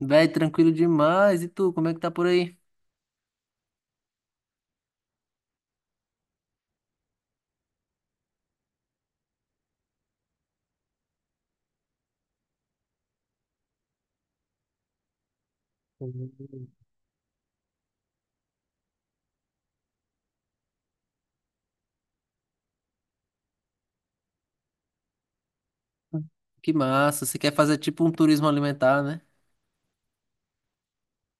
Véi, tranquilo demais. E tu, como é que tá por aí? Hum. Que massa. Você quer fazer tipo um turismo alimentar, né?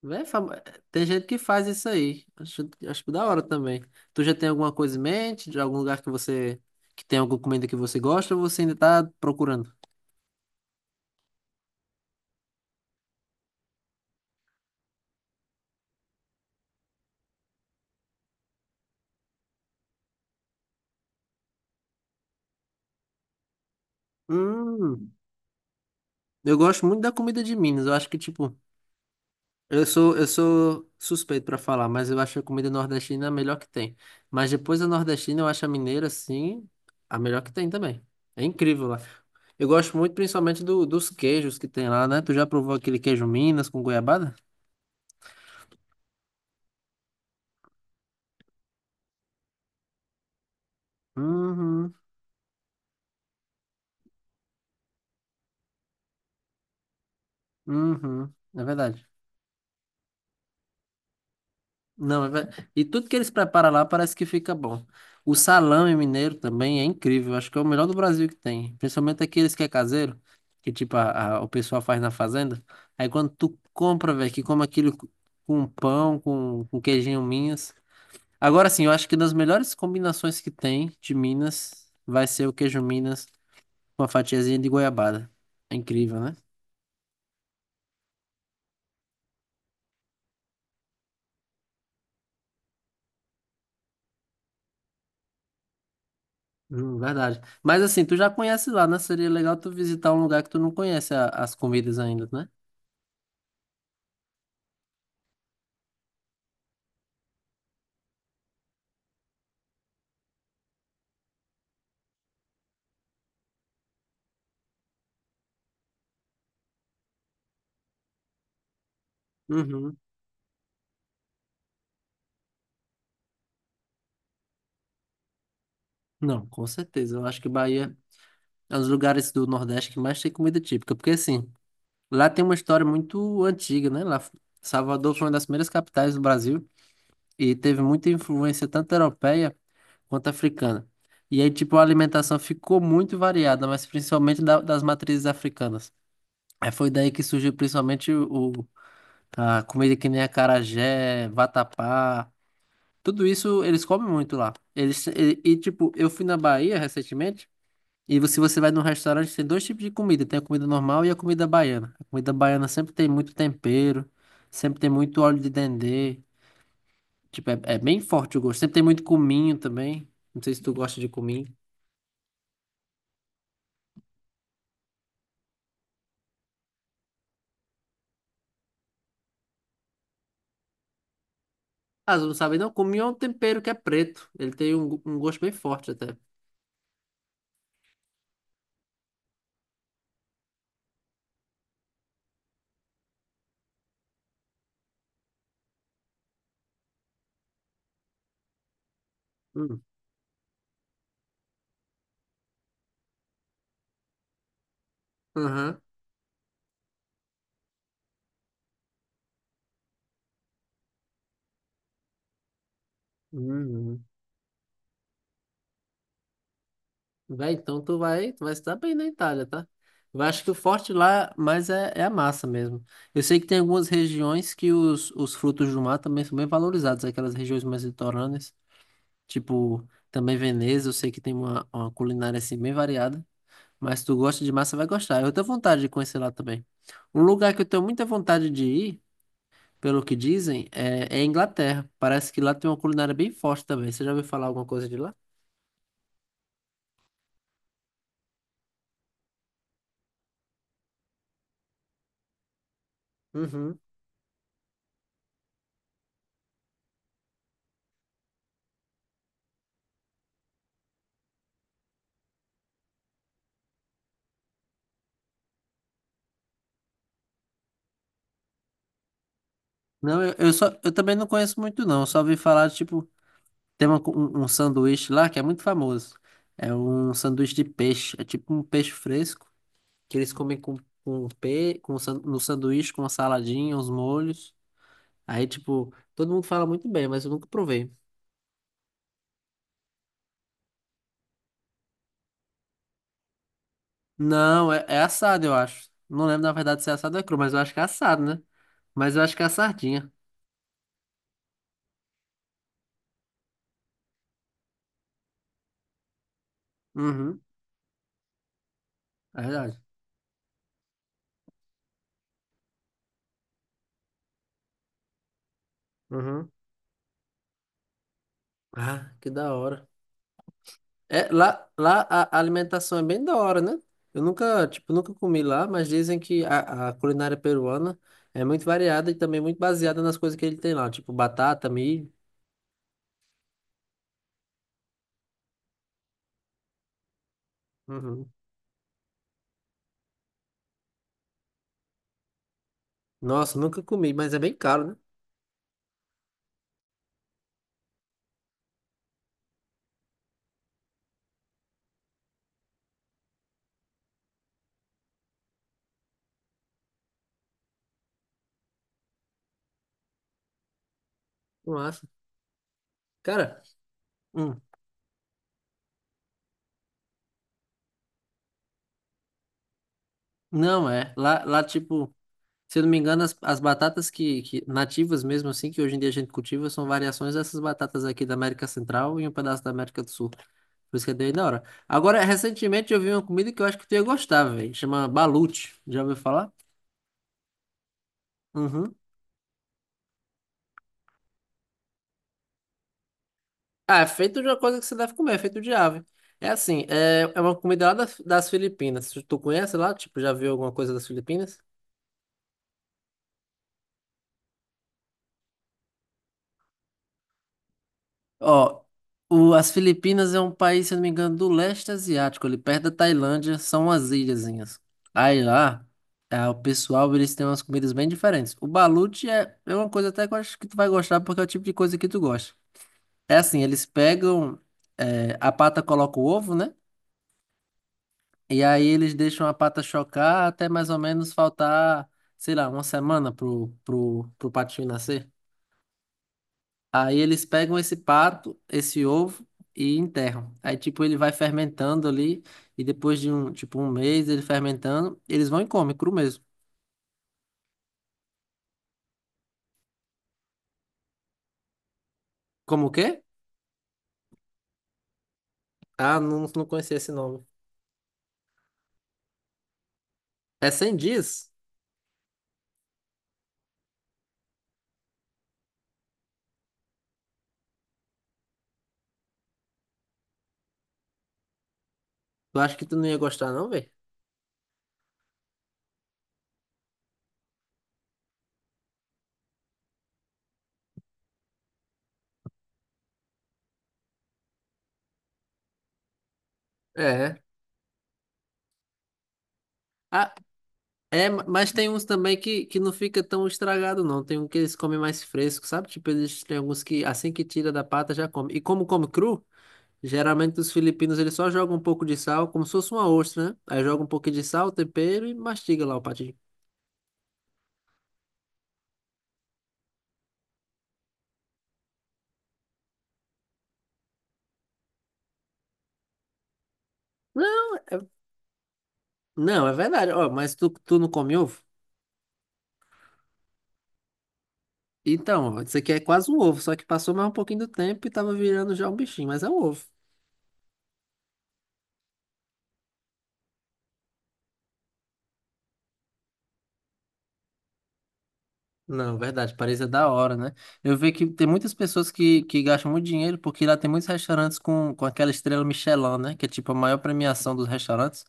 Véi, fam- Tem gente que faz isso aí. Acho da hora também. Tu já tem alguma coisa em mente? De algum lugar que você... Que tem alguma comida que você gosta ou você ainda tá procurando? Hum, eu gosto muito da comida de Minas. Eu acho que, tipo... Eu sou suspeito pra falar, mas eu acho a comida nordestina é a melhor que tem. Mas depois da nordestina, eu acho a mineira, sim, a melhor que tem também. É incrível lá. Eu gosto muito, principalmente, dos queijos que tem lá, né? Tu já provou aquele queijo Minas com goiabada? Uhum, uhum, é verdade. Não, é ver- E tudo que eles preparam lá parece que fica bom. O salame mineiro também é incrível, acho que é o melhor do Brasil que tem. Principalmente aqueles que é caseiro, que tipo o pessoal faz na fazenda. Aí quando tu compra, velho, que come aquilo com pão, com queijinho Minas. Agora sim, eu acho que das melhores combinações que tem de Minas vai ser o queijo Minas com a fatiazinha de goiabada. É incrível, né? Verdade. Mas assim, tu já conhece lá, né? Seria legal tu visitar um lugar que tu não conhece as comidas ainda, né? Uhum. Não, com certeza. Eu acho que Bahia é um dos lugares do Nordeste que mais tem comida típica, porque assim, lá tem uma história muito antiga, né? Salvador foi uma das primeiras capitais do Brasil e teve muita influência tanto europeia quanto africana. E aí, tipo, a alimentação ficou muito variada, mas principalmente das matrizes africanas. Aí foi daí que surgiu principalmente a comida que nem acarajé, vatapá, tudo isso eles comem muito lá. Eles, e, tipo, eu fui na Bahia recentemente. Se você vai num restaurante, tem dois tipos de comida. Tem a comida normal e a comida baiana. A comida baiana sempre tem muito tempero, sempre tem muito óleo de dendê. Tipo, é, é bem forte o gosto. Sempre tem muito cominho também. Não sei se tu gosta de cominho. Ah, você não sabe não? Cominho é um tempero que é preto. Ele tem um gosto bem forte até. Hum. Aham. Hum. Vai, então tu vai se dar bem na Itália, tá? Eu acho que o forte lá, mas é, é a massa mesmo. Eu sei que tem algumas regiões que os frutos do mar também são bem valorizados, aquelas regiões mais litorâneas, tipo também Veneza, eu sei que tem uma culinária assim bem variada, mas se tu gosta de massa, vai gostar. Eu tenho vontade de conhecer lá também. Um lugar que eu tenho muita vontade de ir, pelo que dizem, é, é a Inglaterra. Parece que lá tem uma culinária bem forte também. Você já ouviu falar alguma coisa de lá? Uhum. Não, eu só, eu também não conheço muito não, eu só ouvi falar, tipo, tem uma um sanduíche lá que é muito famoso. É um sanduíche de peixe, é tipo um peixe fresco, que eles comem com, no sanduíche, com uma saladinha, uns molhos. Aí, tipo, todo mundo fala muito bem, mas eu nunca provei. Não, é, é assado, eu acho. Não lembro, na verdade, se é assado ou é cru, mas eu acho que é assado, né? Mas eu acho que é a sardinha. Uhum, é verdade. Uhum. Ah, que da hora. É, lá a alimentação é bem da hora, né? Eu nunca, tipo, nunca comi lá, mas dizem que a culinária peruana é muito variada e também muito baseada nas coisas que ele tem lá, tipo batata, milho. Uhum. Nossa, nunca comi, mas é bem caro, né? Não acho. Cara, hum, não é. Tipo, se eu não me engano, as batatas que nativas mesmo assim, que hoje em dia a gente cultiva, são variações dessas batatas aqui da América Central e um pedaço da América do Sul. Por isso que é bem da hora. Agora, recentemente eu vi uma comida que eu acho que tu ia gostar, velho. Chama balute. Já ouviu falar? Uhum. Ah, é feito de uma coisa que você deve comer, é feito de ave. É assim, é, é uma comida lá das Filipinas. Tu conhece lá? Tipo, já viu alguma coisa das Filipinas? Ó, as Filipinas é um país, se eu não me engano, do leste asiático, ali perto da Tailândia, são umas ilhazinhas. Aí lá, ah, o pessoal, eles têm umas comidas bem diferentes. O balut é, é uma coisa até que eu acho que tu vai gostar, porque é o tipo de coisa que tu gosta. É assim, eles pegam, a pata coloca o ovo, né? E aí eles deixam a pata chocar até mais ou menos faltar, sei lá, uma semana pro patinho nascer. Aí eles pegam esse pato, esse ovo e enterram. Aí tipo ele vai fermentando ali e depois de um, tipo um mês ele fermentando, eles vão e comem cru mesmo. Como o quê? Ah, não, não conhecia esse nome. É 100 dias? Eu acho que tu não ia gostar não, velho. É. Ah, é, mas tem uns também que não fica tão estragado não. Tem um que eles comem mais fresco, sabe? Tipo eles tem alguns que assim que tira da pata já come. E como come cru? Geralmente os filipinos eles só jogam um pouco de sal, como se fosse uma ostra, né? Aí joga um pouquinho de sal, tempero e mastiga lá o patinho. Não, é, não, é verdade. Ó, mas tu não come ovo? Então, ó, isso aqui é quase um ovo, só que passou mais um pouquinho do tempo e tava virando já um bichinho, mas é um ovo. Não, verdade, parece da hora, né? Eu vejo que tem muitas pessoas que gastam muito dinheiro porque lá tem muitos restaurantes com aquela estrela Michelin, né? Que é tipo a maior premiação dos restaurantes.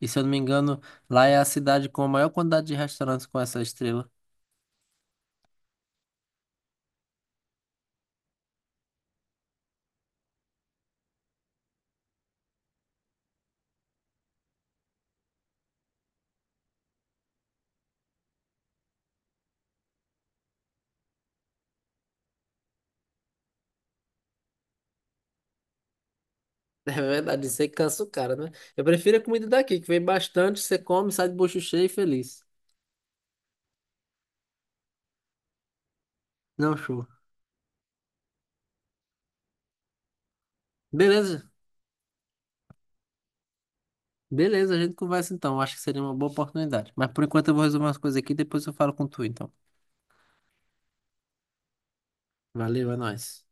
E se eu não me engano, lá é a cidade com a maior quantidade de restaurantes com essa estrela. É verdade, isso aí cansa o cara, né? Eu prefiro a comida daqui, que vem bastante, você come, sai de bucho cheio e feliz. Não, show. Beleza, beleza, a gente conversa então. Acho que seria uma boa oportunidade. Mas por enquanto eu vou resolver umas coisas aqui, depois eu falo com tu, então. Valeu, é nóis.